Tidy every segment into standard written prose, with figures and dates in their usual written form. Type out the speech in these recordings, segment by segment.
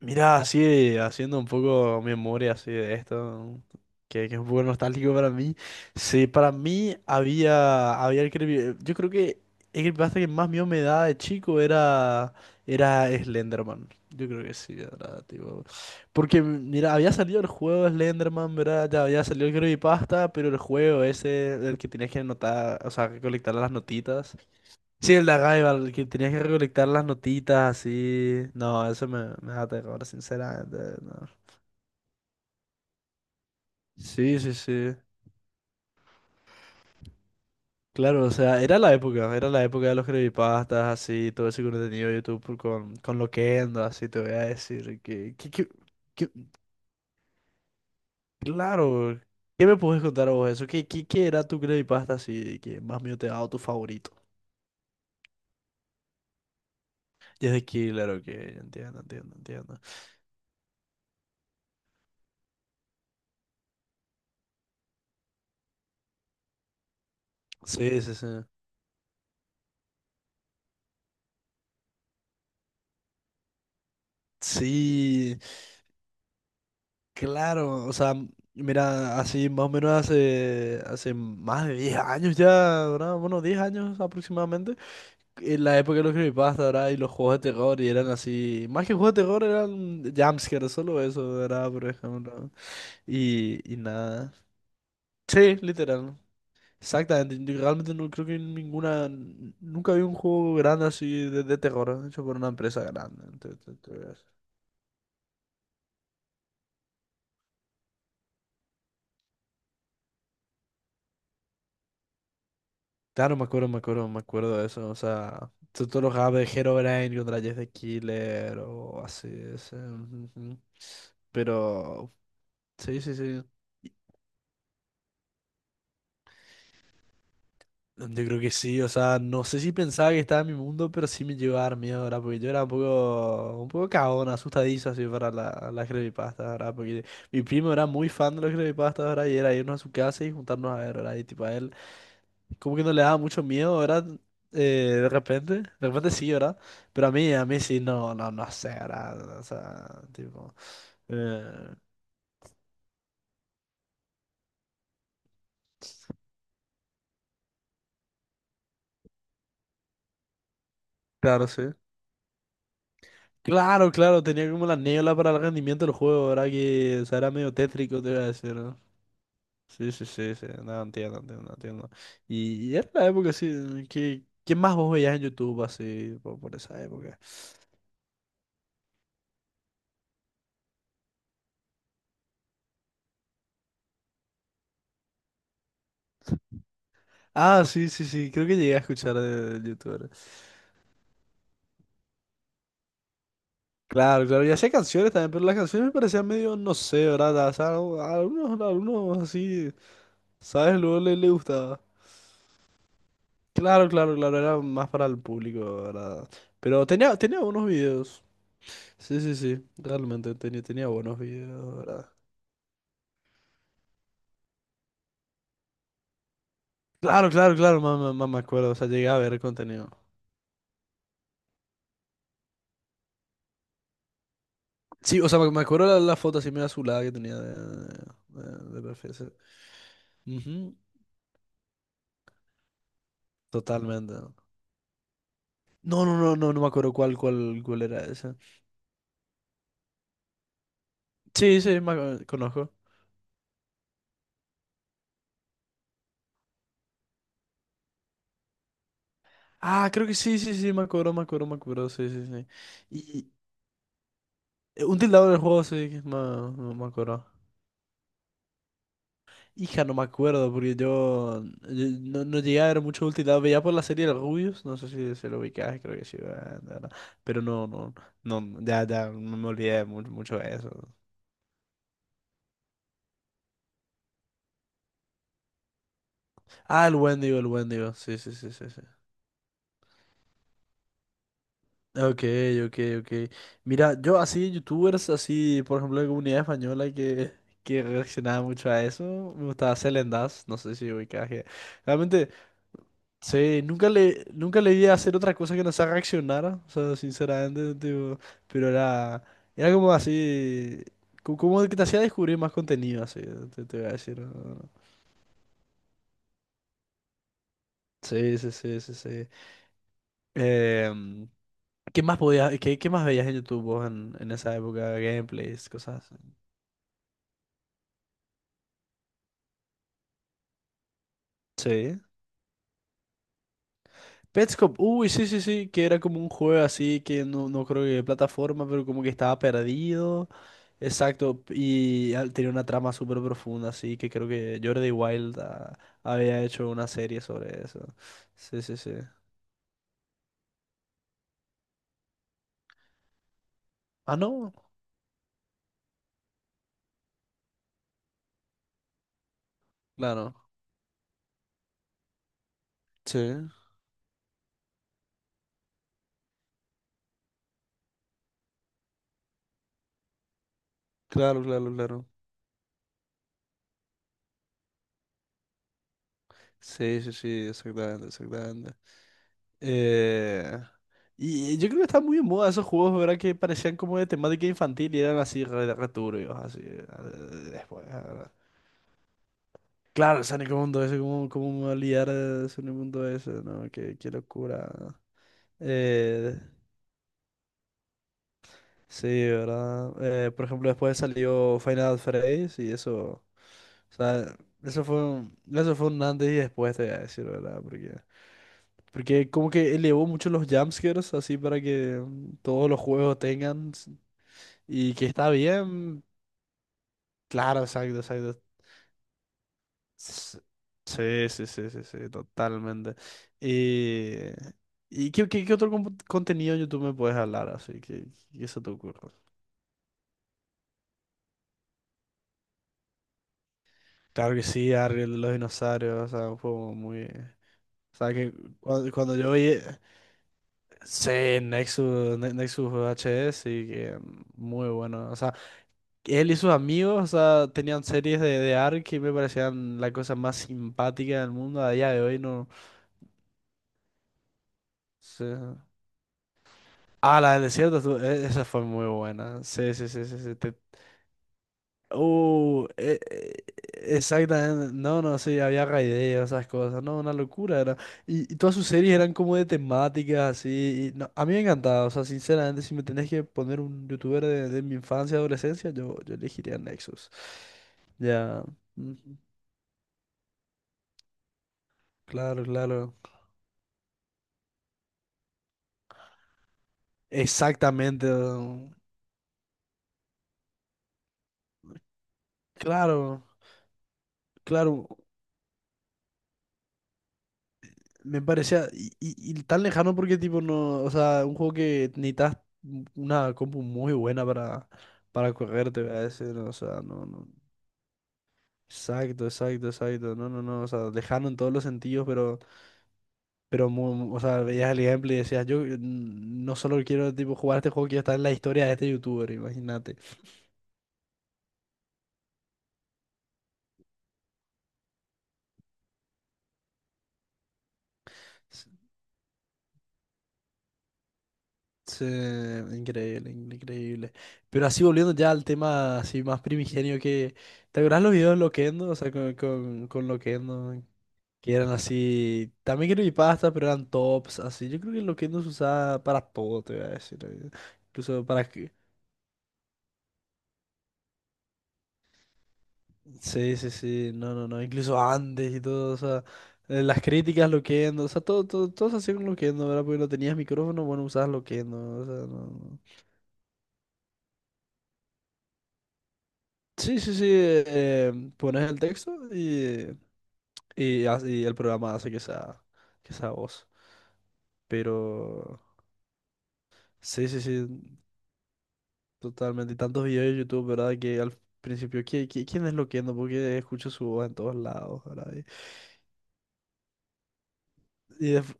Mira, así haciendo un poco memoria así de esto, que es un poco nostálgico para mí. Sí, para mí había el yo creo que el creepypasta que más miedo me daba de chico era Slenderman. Yo creo que sí, era tipo. Porque mira, había salido el juego de Slenderman, ¿verdad? Ya había salido el creepypasta, pero el juego ese, el que tenías que anotar, o sea, que colectar las notitas. Sí, el de Arrival, que tenías que recolectar las notitas así. No, eso me da terror, sinceramente. No. Sí, sí, sí. Claro, o sea, era la época de los creepypastas, así, todo ese contenido de YouTube con Loquendo, así, te voy a decir. Que- claro, ¿qué me puedes contar a vos de eso? Qué era tu creepypasta así, que más mío te ha dado tu favorito? Y es de Killer. Ok, entiendo, entiendo, entiendo. Sí, sí, sí. Sí. Claro, o sea, mira, así más o menos hace más de 10 años ya, ¿verdad? Bueno, 10 años aproximadamente. En la época de los creepypasta, ¿verdad? Y los juegos de terror, y eran así, más que juegos de terror, eran jumpscares, solo eso, ¿verdad? Por ejemplo. Y nada. Sí, literal. Exactamente, yo realmente no creo que ninguna, nunca vi un juego grande así de terror hecho por una empresa grande. Te voy a decir. Claro, me acuerdo, me acuerdo, me acuerdo de eso. O sea, tú lo jugabas de Herobrine contra Jess the Killer o así. Ese, ujú, ujú. Pero, sí, sí, sí. Yo creo que sí, o sea, no sé si pensaba que estaba en mi mundo, pero sí me llegó a dar miedo, ¿verdad? Porque yo era un poco cagón, asustadizo así para las creepypastas, ¿verdad? Porque mi primo era muy fan de los creepypastas, ¿verdad? Y era irnos a su casa y juntarnos a ver, ¿verdad? Y tipo, a él como que no le daba mucho miedo, ¿verdad? Eh, de repente sí, ¿verdad? Pero a mí sí, no, no, no sé, ¿verdad? O sea, tipo... eh, Claro, sí. Claro, claro, tenía como la niebla para el rendimiento del juego, ¿verdad? Que, o sea, era medio tétrico, te iba a decir, ¿no? Sí, sí, sí, sí, no, entiendo, entiendo, entiendo. Y era la época, sí, ¿qué más vos veías en YouTube así, por esa época? Ah, sí, sí, sí, creo que llegué a escuchar de, YouTube. Claro, claro, y hacía canciones también, pero las canciones me parecían medio, no sé, ¿verdad? O sea, algunos así, ¿sabes? Luego le gustaba. Claro, claro, claro, era más para el público, ¿verdad? Pero tenía, tenía buenos videos. Sí, sí, sí, realmente tenía, tenía buenos videos, ¿verdad? Claro, claro, claro, más me acuerdo, o sea, llegué a ver el contenido. Sí, o sea, me acuerdo la foto así medio azulada que tenía de, de perfil. Sí. Ujú. Totalmente. No, no, no, no, no me acuerdo cuál era esa. Sí, sí, conozco. Ah, creo que sí, sí, sí, me acuerdo, me acuerdo, me acuerdo, sí, sí, sí. Y un tildado del juego, sí, que me acuerdo. Hija, no me acuerdo, porque yo no, no llegué a ver mucho un tildado. Veía por la serie de Rubius, no sé si se lo ubicás, creo que sí, ah, no, no. Pero no, no, no, ya, ya, no me olvidé mucho, mucho de eso. Ah, el Wendigo, sí, sí, sí, sí, sí. Ok, ok, ok. Mira, yo así, youtubers, así, por ejemplo, de comunidad española que reaccionaba mucho a eso, me gustaba Selen Das, no sé si ubicás que... Realmente, sí, nunca le, nunca le vi hacer otra cosa que no sea reaccionar, o sea, sinceramente, tipo, pero era, era como así, como que te hacía descubrir más contenido, así, te voy a decir. ¿No? Sí, sí, sí, sí, sí. Em, ¿Qué más podías, qué más veías en YouTube vos en esa época? Gameplays, cosas. Sí. Petscop, uy, sí, sí, sí, que era como un juego así que no, no creo que de plataforma, pero como que estaba perdido. Exacto, y tenía una trama súper profunda, así que creo que Jordi Wild había hecho una serie sobre eso. Sí, sí, sí. Ah, no, claro. Sí, claro, claro, claro. Sí, sí, sí, exactamente, exactamente. Eh, y yo creo que están muy en moda esos juegos, ¿verdad? Que parecían como de temática infantil y eran así re, re turbios, así. Después, ¿verdad? Claro, el Sonic Mundo ese, cómo, cómo me voy a liar de Sonic Mundo ese, ¿no? Qué, qué locura. Eh, sí, ¿verdad? Por ejemplo, después salió Final Fantasy y eso, o sea, eso fue un antes y después, te voy a decir, ¿verdad? Porque como que elevó mucho los jumpscares, así para que todos los juegos tengan. Y que está bien, claro, exacto, exacto. S- Sí, sí, sí, sí, sí, totalmente. Y, ¿Y qué otro contenido en YouTube me puedes hablar? Así que, ¿qué se te ocurre? Claro que sí, Ariel de los dinosaurios, o sea, un juego muy... O sea, que cuando yo vi... Sí, Nexus, Nexus H S y que muy bueno. O sea, él y sus amigos, o sea, tenían series de ARK que me parecían la cosa más simpática del mundo. A día de hoy no... Sí. Ah, la del desierto, esa fue muy buena. Sí, sí, sí, sí, sí. Uh, e- e- exactamente. No, no, sí, había raideos, esas cosas. No, una locura era. Y todas sus series eran como de temáticas, así. Y no, a mí me encantaba, o sea, sinceramente, si me tenés que poner un youtuber de mi infancia, adolescencia, yo elegiría Nexus. Ya. Ujú. Claro, claro. Exactamente. Claro, claro. Me parecía y tan lejano porque tipo no, o sea, un juego que necesitas una compu muy buena para correrte, a ese, no o sea, no, no. Exacto, exacto, exacto. No, no, no, o sea, lejano en todos los sentidos, pero o sea, veías el ejemplo y decías, yo no solo quiero tipo jugar este juego, quiero estar en la historia de este youtuber, imagínate. S- Increíble, increíble. Pero así volviendo ya al tema así más primigenio que ¿te acuerdas los videos de Loquendo? O sea, con Loquendo. Que eran así, también creepypasta, pero eran tops, así. Yo creo que lo que nos usaba para todo, te voy a decir. Incluso para que... Sí, sí, sí, no, no, no, incluso antes y todo, o sea, las críticas Loquendo, o sea, todo, todo, todo se hacía con Loquendo, ¿verdad? Porque no tenías micrófono, bueno, usabas Loquendo, o sea, no. No. Sí, sí, sí, pones el texto y, y el programa hace que sea voz. Pero, sí, sí, sí. Totalmente, y tantos videos de YouTube, ¿verdad? Que al principio, quién es Loquendo? Porque escucho su voz en todos lados, ¿verdad? Y,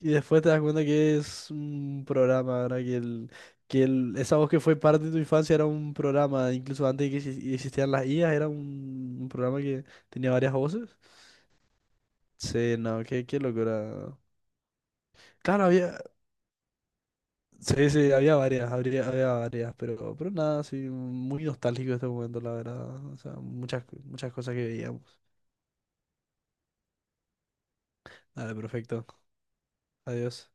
y después te das cuenta que es un programa, ¿verdad? Que, que el, esa voz que fue parte de tu infancia era un programa, incluso antes de que existieran las IAs, era un programa que tenía varias voces. Sí, no, qué, qué locura. Claro, había, sí, sí, había varias, había, varias, pero nada, sí, muy nostálgico este momento, la verdad. O sea, muchas, muchas cosas que veíamos. Dale, perfecto. Adiós.